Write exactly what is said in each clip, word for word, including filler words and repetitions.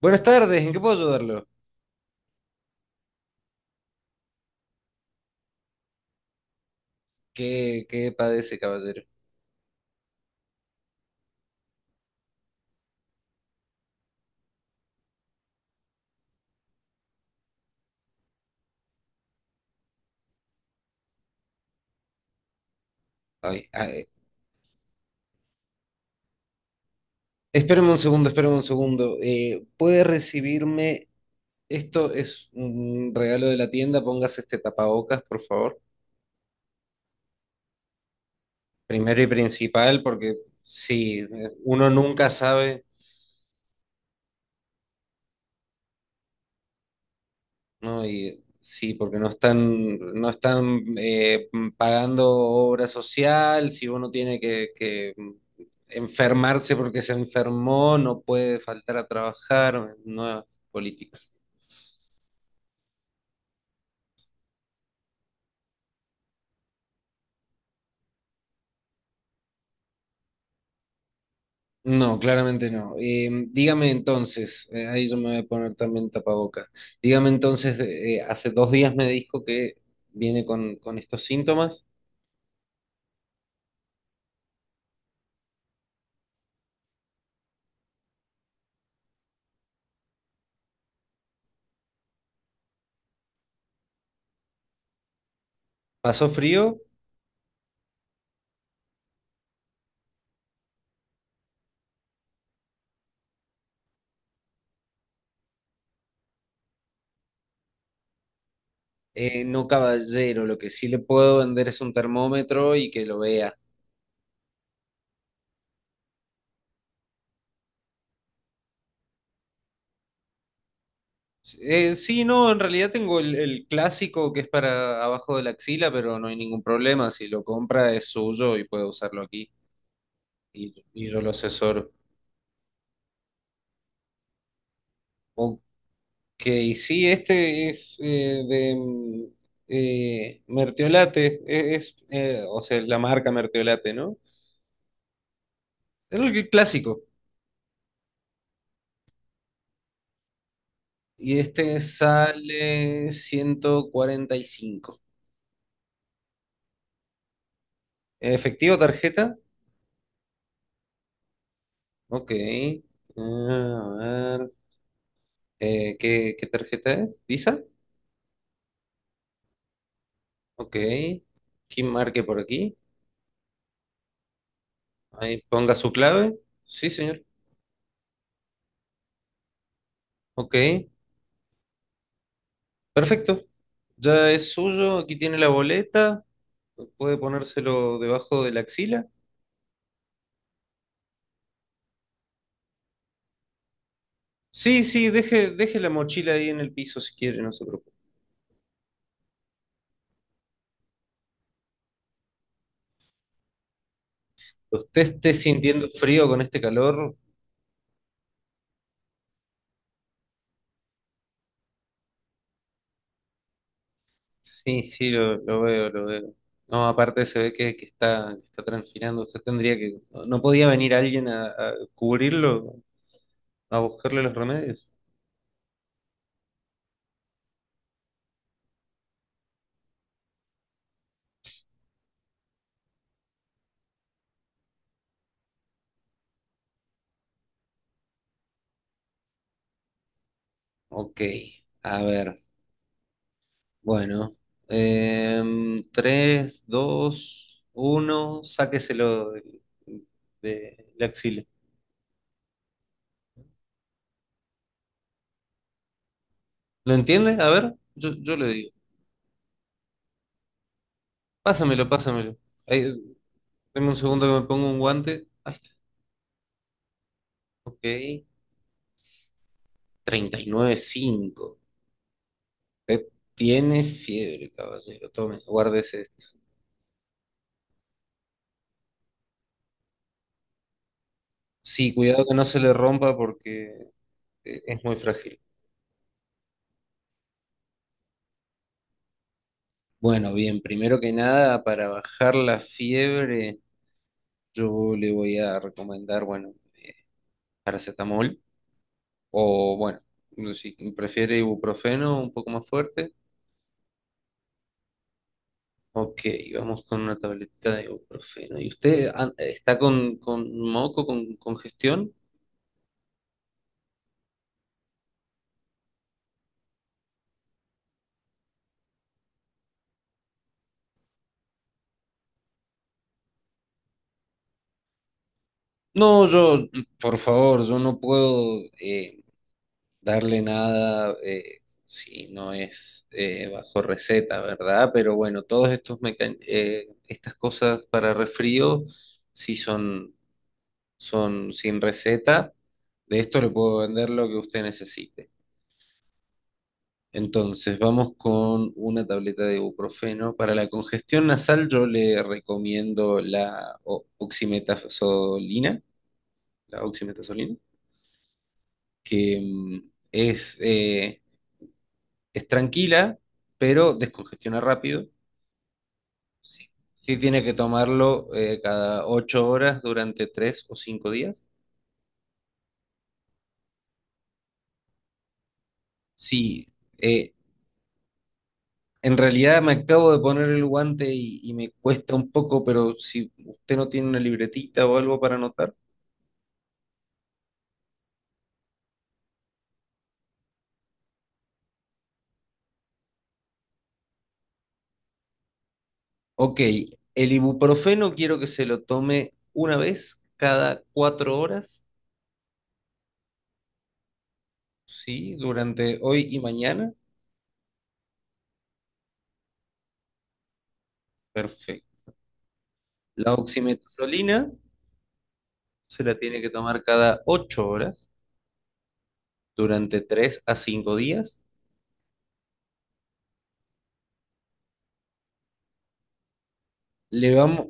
Buenas tardes, ¿en qué puedo ayudarlo? ¿Qué, qué padece, caballero? Ay, ay, espéreme un segundo, espéreme un segundo. Eh, ¿puede recibirme? Esto es un regalo de la tienda, póngase este tapabocas, por favor. Primero y principal, porque sí, eh, uno nunca sabe. No, y sí, porque no están, no están eh, pagando obra social, si uno tiene que, que enfermarse porque se enfermó, no puede faltar a trabajar, nuevas políticas. No, claramente no. Eh, dígame entonces, eh, ahí yo me voy a poner también tapaboca. Dígame entonces, eh, hace dos días me dijo que viene con, con estos síntomas. ¿Pasó frío? Eh, no, caballero, lo que sí le puedo vender es un termómetro y que lo vea. Eh, sí, no, en realidad tengo el, el clásico que es para abajo de la axila, pero no hay ningún problema. Si lo compra es suyo y puede usarlo aquí y, y yo lo asesoro. Ok, sí, este es eh, de mm, eh, Mertiolate, e- es, eh, o sea, es la marca Mertiolate, ¿no? Es el que- clásico. Y este sale ciento cuarenta y cinco. ¿Efectivo, tarjeta? Ok. Ah, a ver. Eh, ¿qué, qué tarjeta es? ¿Visa? Ok. ¿Quién marque por aquí? Ahí ponga su clave. Sí, señor. Ok. Perfecto. Ya es suyo. Aquí tiene la boleta. Puede ponérselo debajo de la axila. Sí, sí, deje, deje la mochila ahí en el piso si quiere, no se preocupe. ¿Usted esté sintiendo frío con este calor? Sí, sí, lo, lo veo, lo veo. No, aparte se ve que, que está, que está transpirando. Usted tendría que. ¿No no podía venir alguien a, a cubrirlo? A buscarle los remedios. Ok, a ver. Bueno. em, Tres, dos, uno. Sáqueselo de, de la axila. ¿Lo entiende? A ver, yo, yo le digo. Pásamelo, pásamelo. Ahí, dame un segundo que me pongo un guante. Ahí está. Ok. treinta y nueve cinco. Usted tiene fiebre, caballero. Tome, guárdese. Sí, cuidado que no se le rompa porque eh, es muy frágil. Bueno, bien, primero que nada, para bajar la fiebre, yo le voy a recomendar, bueno, paracetamol o, bueno, si prefiere ibuprofeno un poco más fuerte. Ok, vamos con una tabletita de ibuprofeno. ¿Y usted ah, está con, con moco, con congestión? No, yo, por favor, yo no puedo, eh, Darle nada, eh, sí, no es eh, bajo receta, ¿verdad? Pero bueno, todos estos meca- eh, estas cosas para resfrío sí son, son sin receta. De esto le puedo vender lo que usted necesite. Entonces, vamos con una tableta de ibuprofeno. Para la congestión nasal, yo le recomiendo la o- oximetazolina, la oximetazolina, que mm, es eh, Es tranquila, pero descongestiona rápido. Sí, sí tiene que tomarlo eh, cada ocho horas durante tres o cinco días. Sí, eh, en realidad me acabo de poner el guante y, y me cuesta un poco, pero si usted no tiene una libretita o algo para anotar. Ok, el ibuprofeno quiero que se lo tome una vez cada cuatro horas, ¿sí? Durante hoy y mañana. Perfecto. La oximetazolina se la tiene que tomar cada ocho horas, durante tres a cinco días. Le vamos,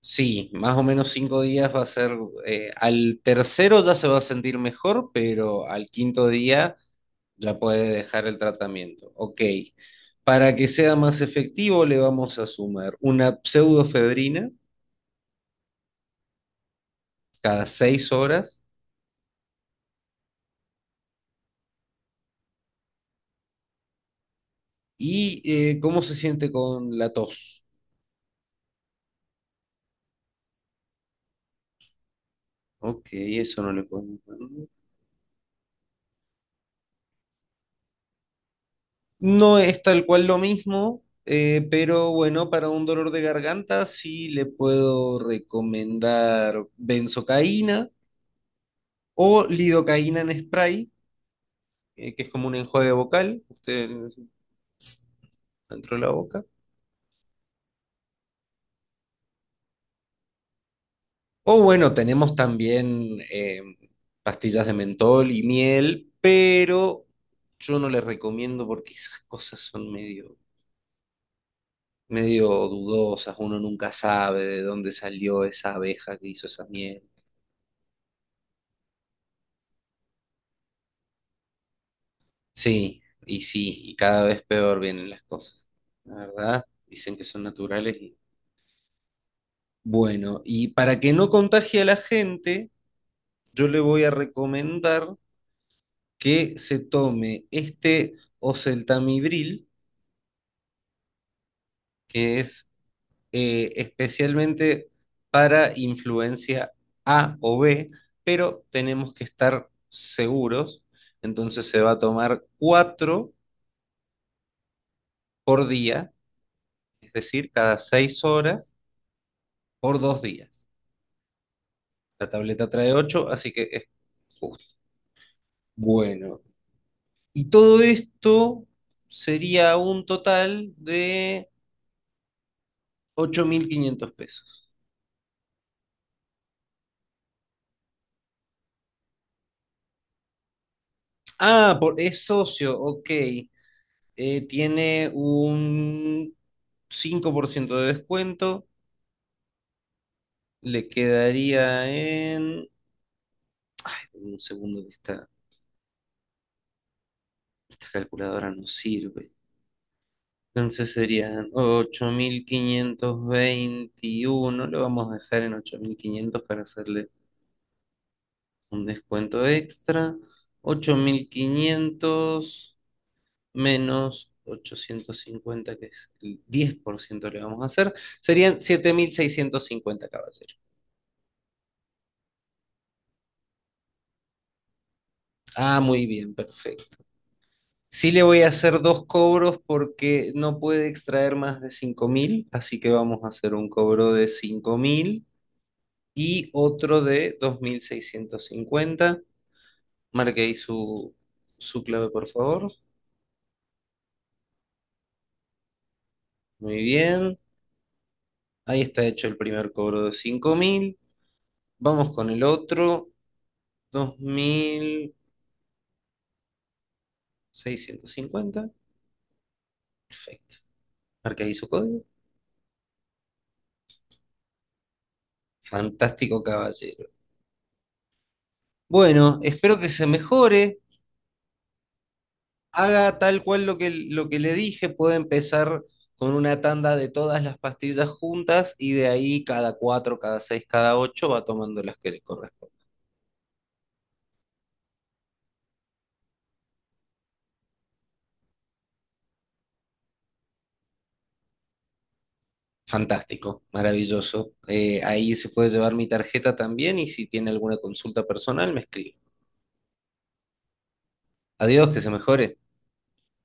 sí, más o menos cinco días va a ser, eh, al tercero ya se va a sentir mejor, pero al quinto día ya puede dejar el tratamiento. Ok, para que sea más efectivo le vamos a sumar una pseudofedrina cada seis horas y eh, cómo se siente con la tos. Ok, eso no le podemos dar, ¿no? No es tal cual lo mismo, eh, pero bueno, para un dolor de garganta sí le puedo recomendar benzocaína o lidocaína en spray, eh, que es como un enjuague vocal, usted dentro de la boca. O bueno, tenemos también eh, pastillas de mentol y miel, pero yo no les recomiendo porque esas cosas son medio, medio dudosas, uno nunca sabe de dónde salió esa abeja que hizo esa miel. Sí, y sí, y cada vez peor vienen las cosas. La verdad, dicen que son naturales y bueno, y para que no contagie a la gente, yo le voy a recomendar que se tome este oseltamibril, que es eh, especialmente para influencia A o B, pero tenemos que estar seguros. Entonces se va a tomar cuatro por día, es decir, cada seis horas por dos días. La tableta trae ocho así que es justo. Bueno, y todo esto sería un total de ocho mil quinientos pesos. Ah, por, es socio, ok. Eh, tiene un cinco por ciento de descuento. Le quedaría en. Un segundo que esta, esta calculadora no sirve. Entonces serían ocho mil quinientos veintiuno. Lo vamos a dejar en ocho mil quinientos para hacerle un descuento extra, ocho mil quinientos menos ochocientos cincuenta que es el diez por ciento le vamos a hacer, serían siete mil seiscientos cincuenta, caballero. Ah, muy bien, perfecto. Sí le voy a hacer dos cobros porque no puede extraer más de cinco mil así que vamos a hacer un cobro de cinco mil y otro de dos mil seiscientos cincuenta. Marque ahí su, su clave, por favor. Muy bien. Ahí está hecho el primer cobro de cinco mil. Vamos con el otro, dos mil seiscientos cincuenta. Perfecto. Marca ahí su código. Fantástico caballero. Bueno, espero que se mejore. Haga tal cual lo que, lo que le dije. Puede empezar con una tanda de todas las pastillas juntas y de ahí cada cuatro, cada seis, cada ocho va tomando las que le corresponden. Fantástico, maravilloso. Eh, ahí se puede llevar mi tarjeta también y si tiene alguna consulta personal me escribe. adiós, que se mejore